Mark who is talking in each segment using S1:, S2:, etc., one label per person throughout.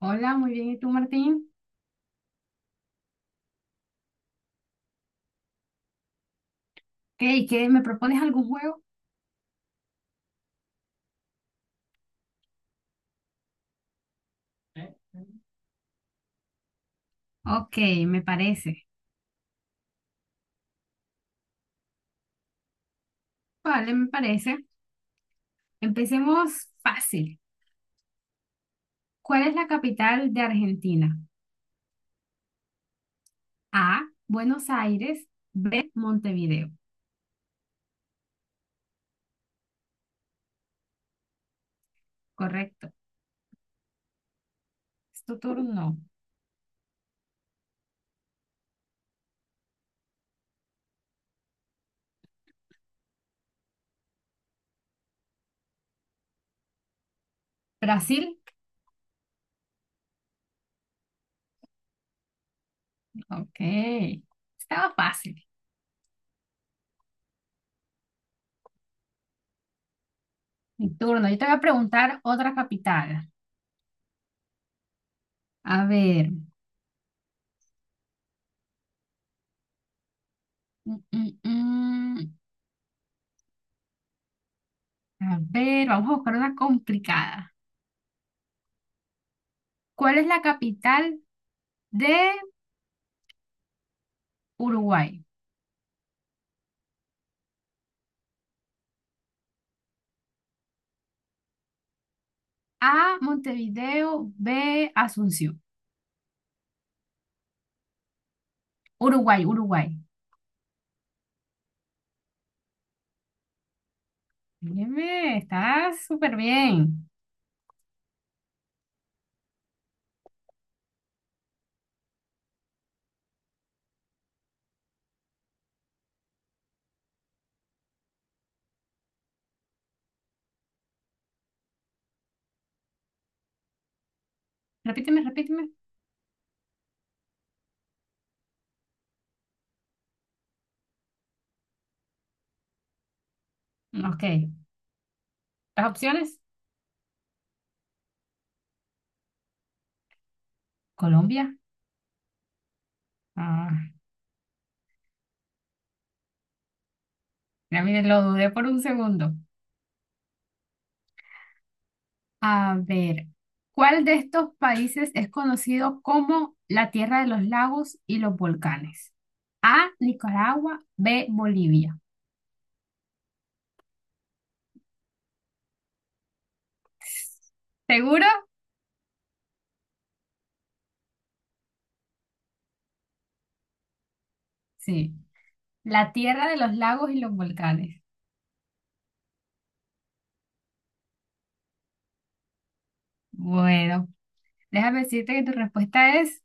S1: Hola, muy bien. ¿Y tú, Martín? ¿Qué? ¿Y qué? ¿Qué me propones algún juego? Ok, me parece. Vale, me parece. Empecemos fácil. ¿Cuál es la capital de Argentina? A, Buenos Aires. B, Montevideo. Correcto. Es tu turno. Brasil. Ok. Estaba fácil. Mi turno. Yo te voy a preguntar otra capital. A ver. mm, mm, mm. A ver, vamos a buscar una complicada. ¿Cuál es la capital de Uruguay? A, Montevideo, B, Asunción. Uruguay, Uruguay. Óyeme, está súper bien. Repíteme, repíteme. Ok. Las opciones. Colombia. Ah, ya miren, lo dudé por un segundo. A ver, ¿cuál de estos países es conocido como la tierra de los lagos y los volcanes? A, Nicaragua, B, Bolivia. ¿Seguro? Sí. La tierra de los lagos y los volcanes. Bueno, déjame decirte que tu respuesta es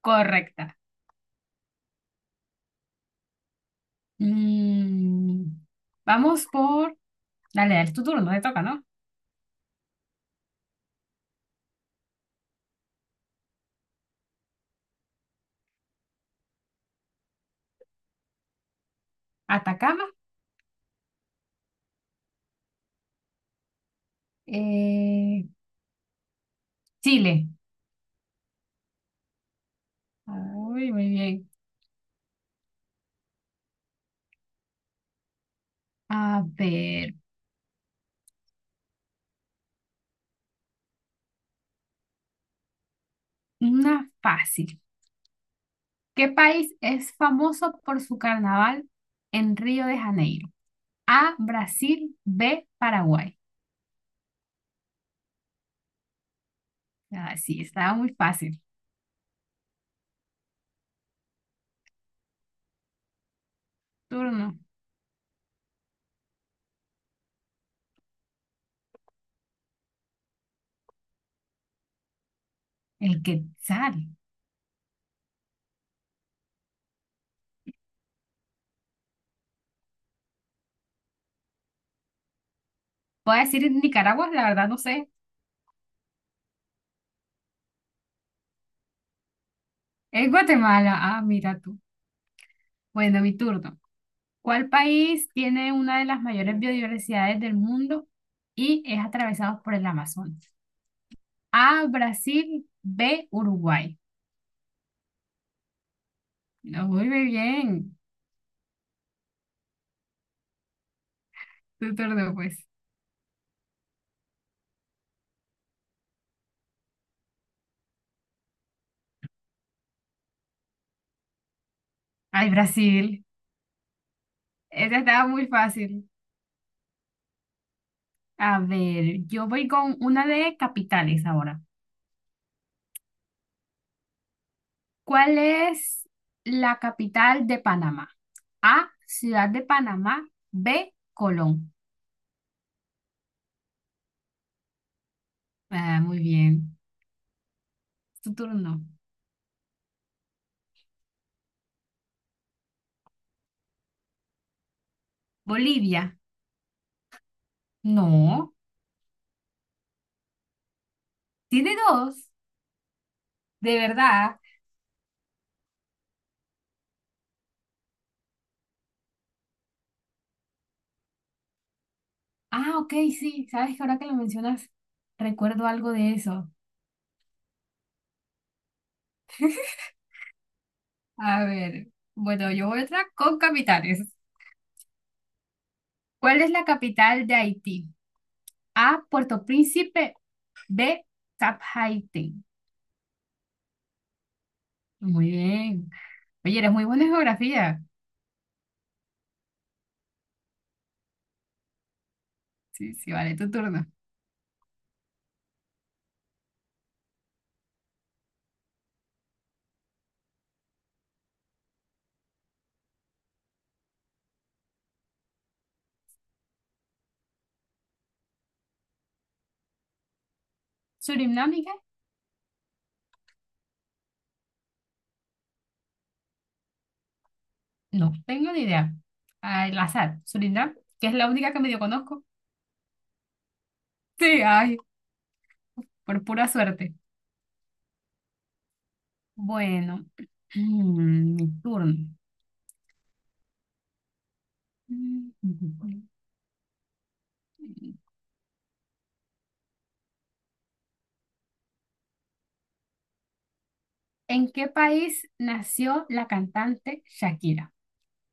S1: correcta. Mm, vamos por... Dale, dale, es tu turno, te toca, ¿no? Atacama, eh, Chile. Uy, muy bien. A ver, una fácil. ¿Qué país es famoso por su carnaval en Río de Janeiro? A, Brasil, B, Paraguay. Ah, sí, estaba muy fácil. Turno. El quetzal. Puedo decir Nicaragua, la verdad no sé. Es Guatemala. Ah, mira tú. Bueno, mi turno. ¿Cuál país tiene una de las mayores biodiversidades del mundo y es atravesado por el Amazonas? A, Brasil, B, Uruguay. No, muy bien. Tu turno, pues. Ay, Brasil. Esa estaba muy fácil. A ver, yo voy con una de capitales ahora. ¿Cuál es la capital de Panamá? A, Ciudad de Panamá, B, Colón. Ah, muy bien. Tu turno. Bolivia. No. Tiene dos, de verdad. Ah, ok, sí, sabes que ahora que lo mencionas, recuerdo algo de eso. A ver, bueno, yo voy otra con capitales. ¿Cuál es la capital de Haití? A, Puerto Príncipe, B, Cap Haití. Muy bien. Oye, eres muy buena en geografía. Sí, sí, vale, tu turno. ¿Surinam y qué? No, tengo ni idea. Al azar, Surinam, que es la única que medio conozco. Sí, ay, por pura suerte. Bueno, mi turno. Mm. ¿En qué país nació la cantante Shakira?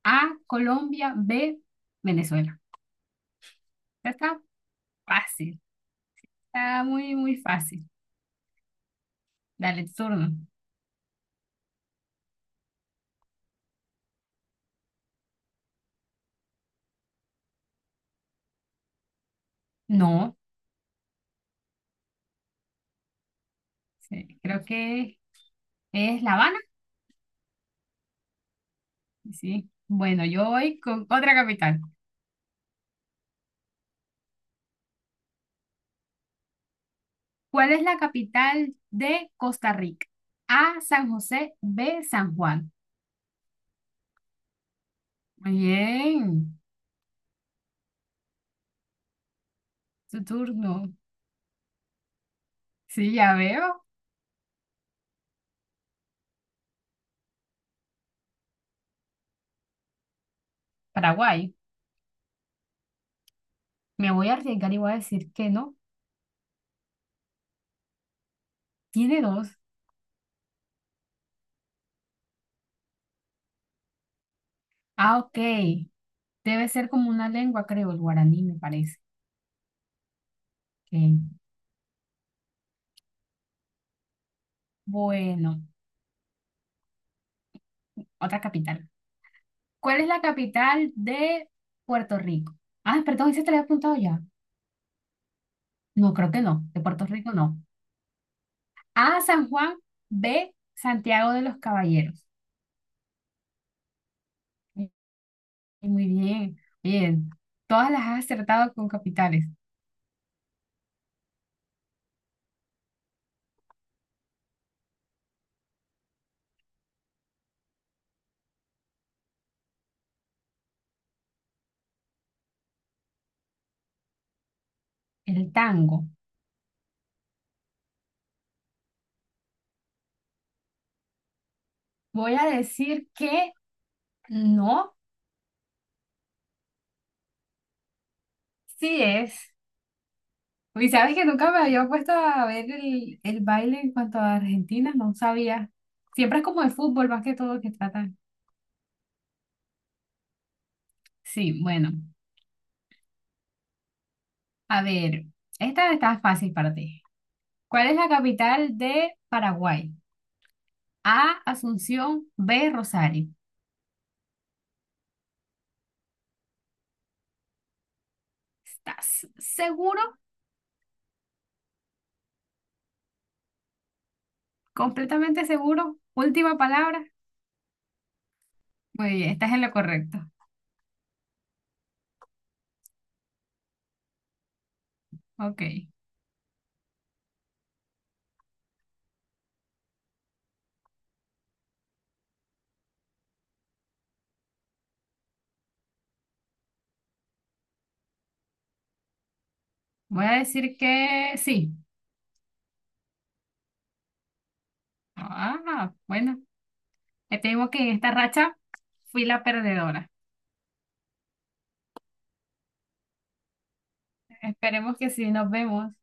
S1: A, Colombia, B, Venezuela. Esta Está fácil, está muy, muy fácil. Dale turno. No, sí, creo que es La Habana. Sí. Bueno, yo voy con otra capital. ¿Cuál es la capital de Costa Rica? A, San José, B, San Juan. Muy bien, tu turno. Sí, ya veo. Paraguay. Me voy a arriesgar y voy a decir que no. Tiene dos. Ah, ok. Debe ser como una lengua, creo, el guaraní, me parece. Ok. Bueno, otra capital. ¿Cuál es la capital de Puerto Rico? Ah, perdón, ese te lo había apuntado ya. No, creo que no. De Puerto Rico no. A, San Juan. B, Santiago de los Caballeros. Eh, Muy bien, bien. Todas las has acertado con capitales. El tango. Voy a decir que no, sí es. Y sabes que nunca me había puesto a ver el baile en cuanto a Argentina, no sabía. Siempre es como de fútbol más que todo que tratan. Sí, bueno, a ver, esta está fácil para ti. ¿Cuál es la capital de Paraguay? A, Asunción, B, Rosario. ¿Estás seguro? ¿Completamente seguro? Última palabra. Muy bien, estás en lo correcto. Ok, voy a decir que sí. Ah, bueno, te digo que en esta racha fui la perdedora. Esperemos que sí, nos vemos.